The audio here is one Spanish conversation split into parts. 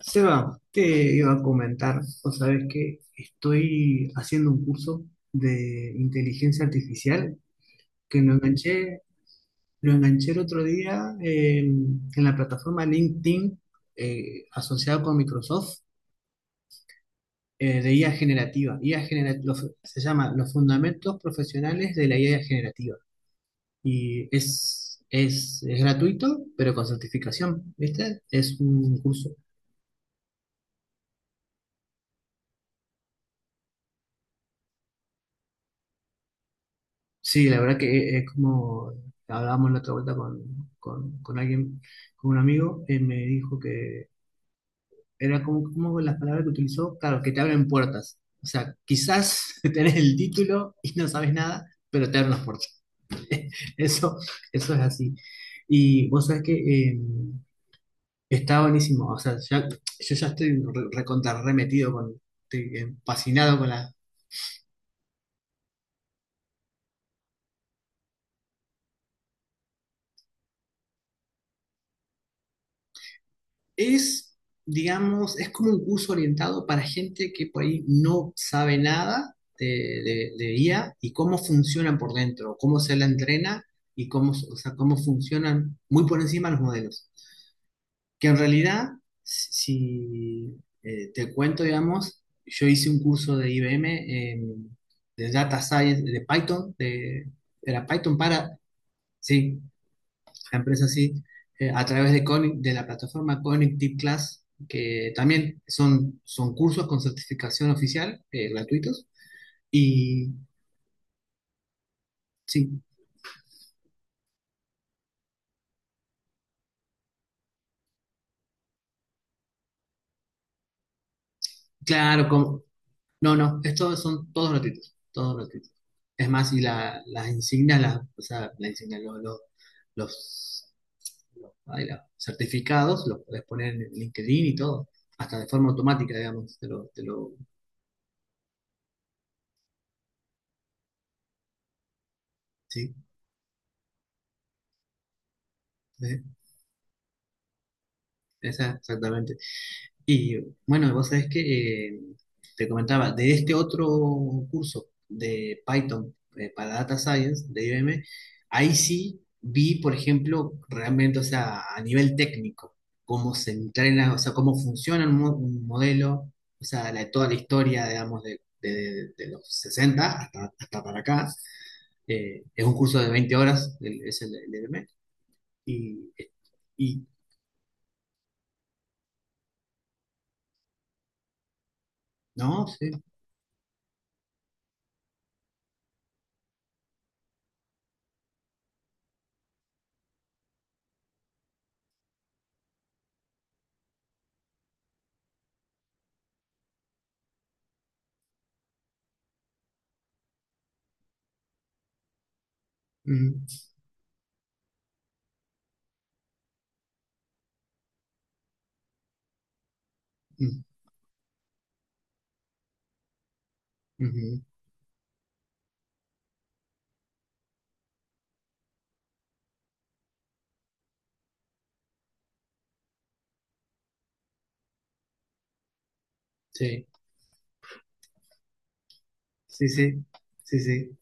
Seba, te iba a comentar, o sabes que estoy haciendo un curso de inteligencia artificial que lo enganché el otro día, en la plataforma LinkedIn, asociado con Microsoft, de IA generativa. IA, se llama Los Fundamentos Profesionales de la IA Generativa, y es gratuito, pero con certificación, ¿viste? Es un curso. Sí, la verdad que es como hablábamos la otra vuelta con alguien, con un amigo. Me dijo que era como, como las palabras que utilizó, claro, que te abren puertas. O sea, quizás tenés el título y no sabes nada, pero te abren las puertas. Eso, eso es así. Y vos sabés que, eh, está buenísimo. O sea, yo ya estoy recontra remetido con, estoy, fascinado. Es, digamos, es como un curso orientado para gente que por ahí no sabe nada de IA y cómo funcionan por dentro, cómo se la entrena y cómo, o sea, cómo funcionan muy por encima los modelos. Que en realidad, si si, te cuento. Digamos, yo hice un curso de IBM, de Data Science, de Python, de, era Python para... Sí, la empresa, sí. A través de, de la plataforma Connected Class, que también son cursos con certificación oficial, gratuitos. Y sí, claro, como, no, no, estos son todos gratuitos, todos gratuitos. Es más, y las insignias, las, o sea, la insignia, los, los certificados, los puedes poner en LinkedIn y todo, hasta de forma automática. Digamos, sí, sí, esa, exactamente. Y bueno, vos sabés que, te comentaba de este otro curso de Python, para Data Science de IBM. Ahí sí vi, por ejemplo, realmente, o sea, a nivel técnico, cómo se entrena, o sea, cómo funciona un modelo. O sea, toda la historia, digamos, de los 60 hasta para acá. Es un curso de 20 horas, es el IBM. y, y no, sí. Mm, mm, ujú, sí. Sí, sí, sí, sí.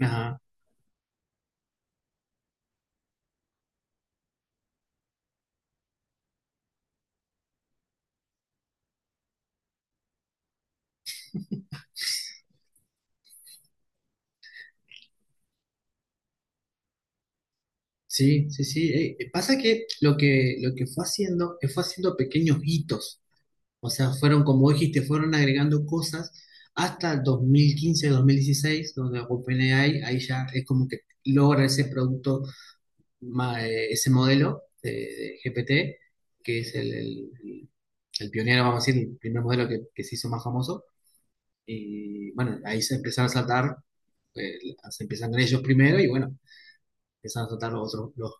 Ajá. Sí, sí, sí. Pasa que lo que fue haciendo, que fue haciendo pequeños hitos. O sea, fueron, como dijiste, fueron agregando cosas hasta 2015, 2016, donde OpenAI, ahí, ya es como que logra ese producto, ese modelo de GPT, que es el pionero, vamos a decir, el primer modelo que se hizo más famoso. Y bueno, ahí se empezaron a saltar, eh, se empiezan con ellos primero. Y bueno, empiezan a saltar los otros.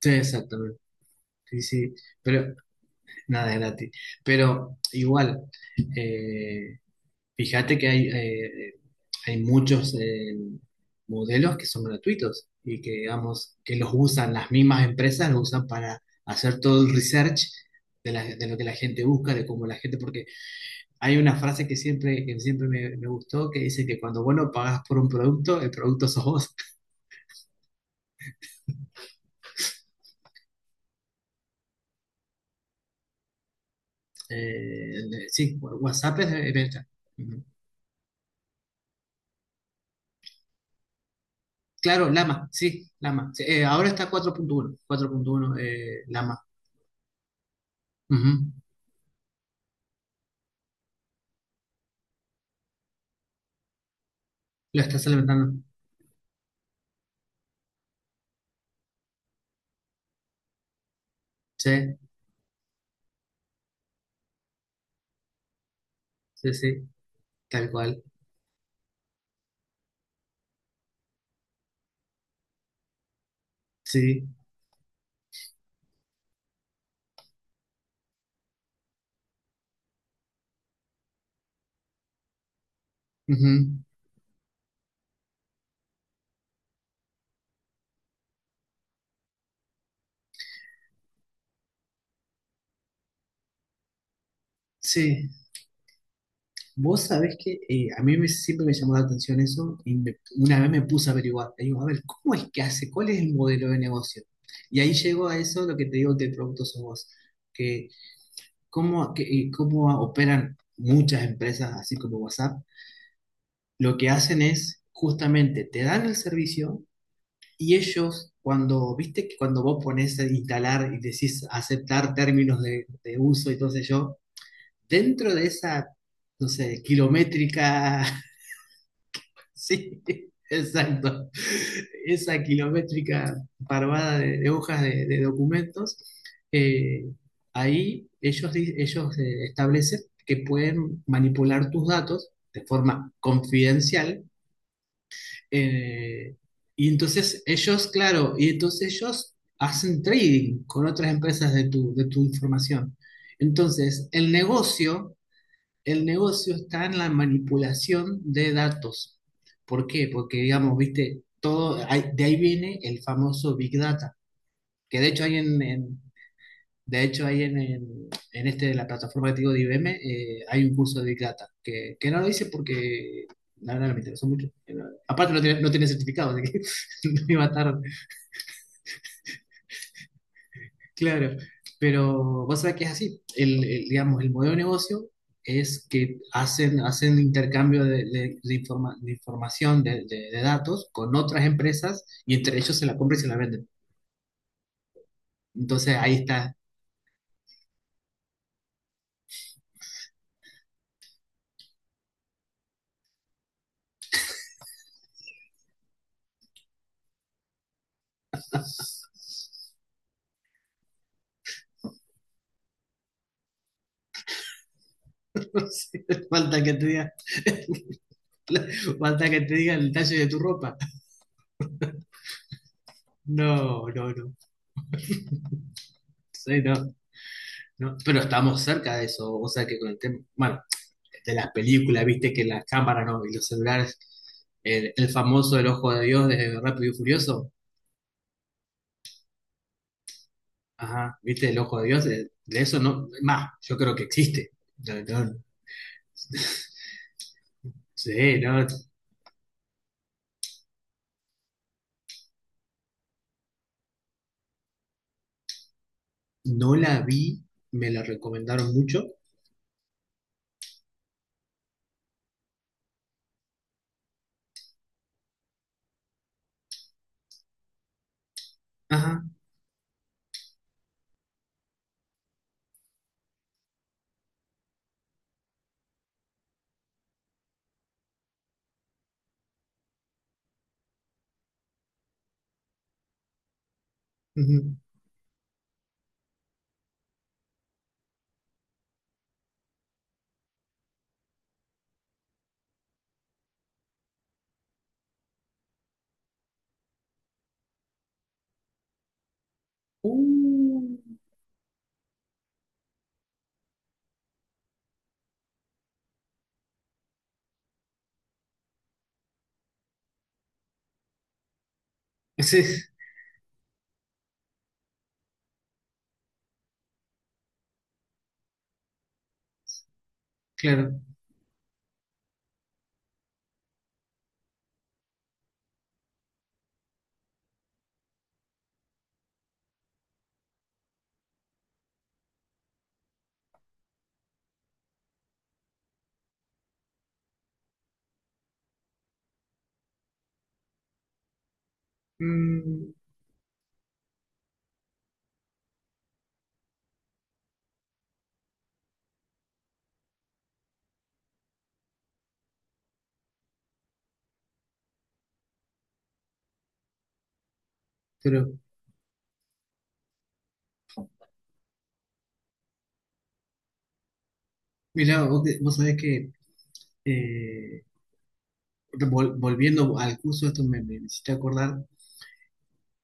Sí, exactamente. Sí, sí. Pero nada es gratis. Pero igual, eh, fíjate que hay muchos, modelos que son gratuitos y que, digamos, que los usan las mismas empresas, los usan para hacer todo el research de lo que la gente busca, de cómo la gente. Porque hay una frase que siempre me gustó, que dice que cuando vos no pagás por un producto, el producto sos vos. Eh, sí, WhatsApp es de venta. Claro, Lama. Sí, ahora está 4.1, 4.1, Lama. Ujú. Lo estás alimentando. Sí, sí, sí, tal cual. Sí, ujú. Sí. Vos sabés que, a mí siempre me llamó la atención eso. Y una vez me puse a averiguar. Y digo, a ver, ¿cómo es que hace? ¿Cuál es el modelo de negocio? Y ahí llego a eso, lo que te digo, que productos sos vos. Que cómo operan muchas empresas, así como WhatsApp. Lo que hacen es justamente te dan el servicio. Y ellos, cuando, viste que cuando vos pones a instalar y decís aceptar términos de uso y todo eso, dentro de esa, no sé, kilométrica... Sí, exacto, esa kilométrica parvada de hojas de documentos. eh, Ahí ellos, establecen que pueden manipular tus datos de forma confidencial. eh, y entonces ellos hacen trading con otras empresas de tu información. Entonces, el negocio está en la manipulación de datos. ¿Por qué? Porque, digamos, viste, todo, de ahí viene el famoso Big Data, que de hecho hay de hecho, en este, la plataforma que te digo de IBM. Hay un curso de Big Data, que no lo hice porque la verdad no me interesó mucho. Pero aparte no tiene certificado, así que no iba a estar. Claro. Pero vos sabés que es así. Digamos, el modelo de negocio es que hacen intercambio de información, de datos con otras empresas, y entre ellos se la compran y se la venden. Entonces ahí está. Falta que te diga, falta que te diga el talle de tu ropa. No, no, no, sí, no, no, pero estamos cerca de eso. O sea que con el tema, bueno, de las películas, viste que las cámaras, ¿no? Y los celulares, el famoso El Ojo de Dios de Rápido y Furioso. Ajá, viste, El Ojo de Dios, de eso no, más, yo creo que existe. No, no, sí, no, no la vi, me la recomendaron mucho. Ajá, ujú. Sí, claro. Mm. Pero, mira, vos sabés que... eh, volviendo al curso, esto me hiciste acordar.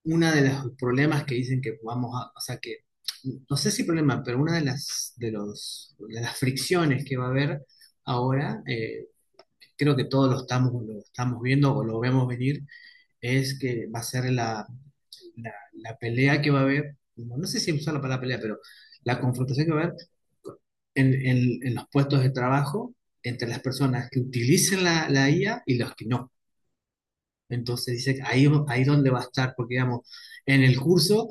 Uno de los problemas que dicen que vamos a, o sea que, no sé si problema, pero una de las fricciones que va a haber ahora. Creo que todos lo estamos viendo, o lo vemos venir. Es que va a ser la pelea que va a haber. No, no sé si usar la palabra pelea, pero la confrontación que va a haber en los puestos de trabajo entre las personas que utilicen la IA y los que no. Entonces dice, ahí donde va a estar, porque digamos, en el curso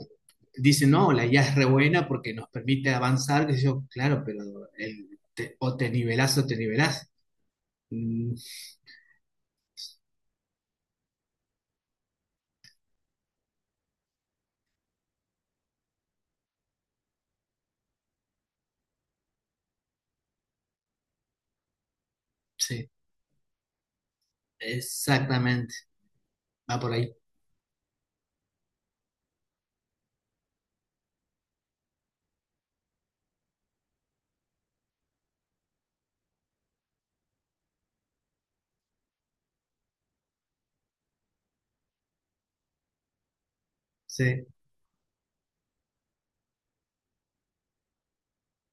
dice, no, la IA es re buena porque nos permite avanzar, que yo, claro, pero o te nivelás o te nivelás. Mm, sí, exactamente, va por ahí. Sí,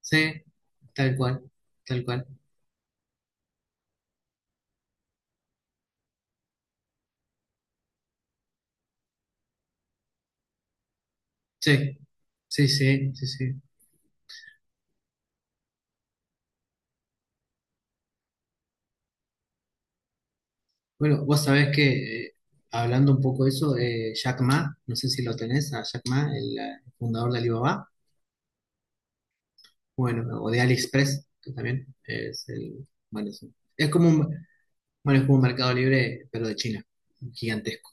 sí, tal cual, tal cual. Sí, sí, sí, sí, sí. Bueno, vos sabés que, hablando un poco de eso, Jack Ma, no sé si lo tenés, a Jack Ma, el, fundador de Alibaba. Bueno, o de AliExpress, que también es como un, bueno, es como un Mercado Libre, pero de China, gigantesco.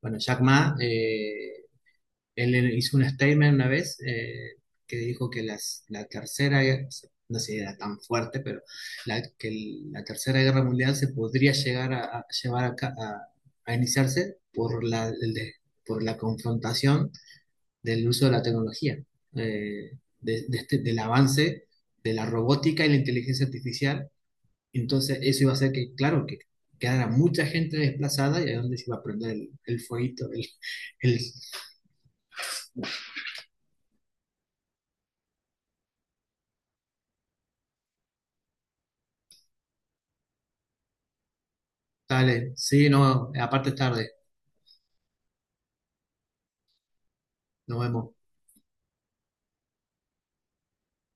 Bueno, Jack Ma, él hizo un statement una vez, que dijo que la tercera, no sé si era tan fuerte, pero la tercera guerra mundial se podría llegar a llevar a iniciarse por la confrontación del uso de la tecnología. eh, Del avance de la robótica y la inteligencia artificial. Entonces, eso iba a hacer que, claro, que quedara mucha gente desplazada, y a dónde se iba a prender el fueguito, el- Dale, sí, no, aparte es tarde. Nos vemos.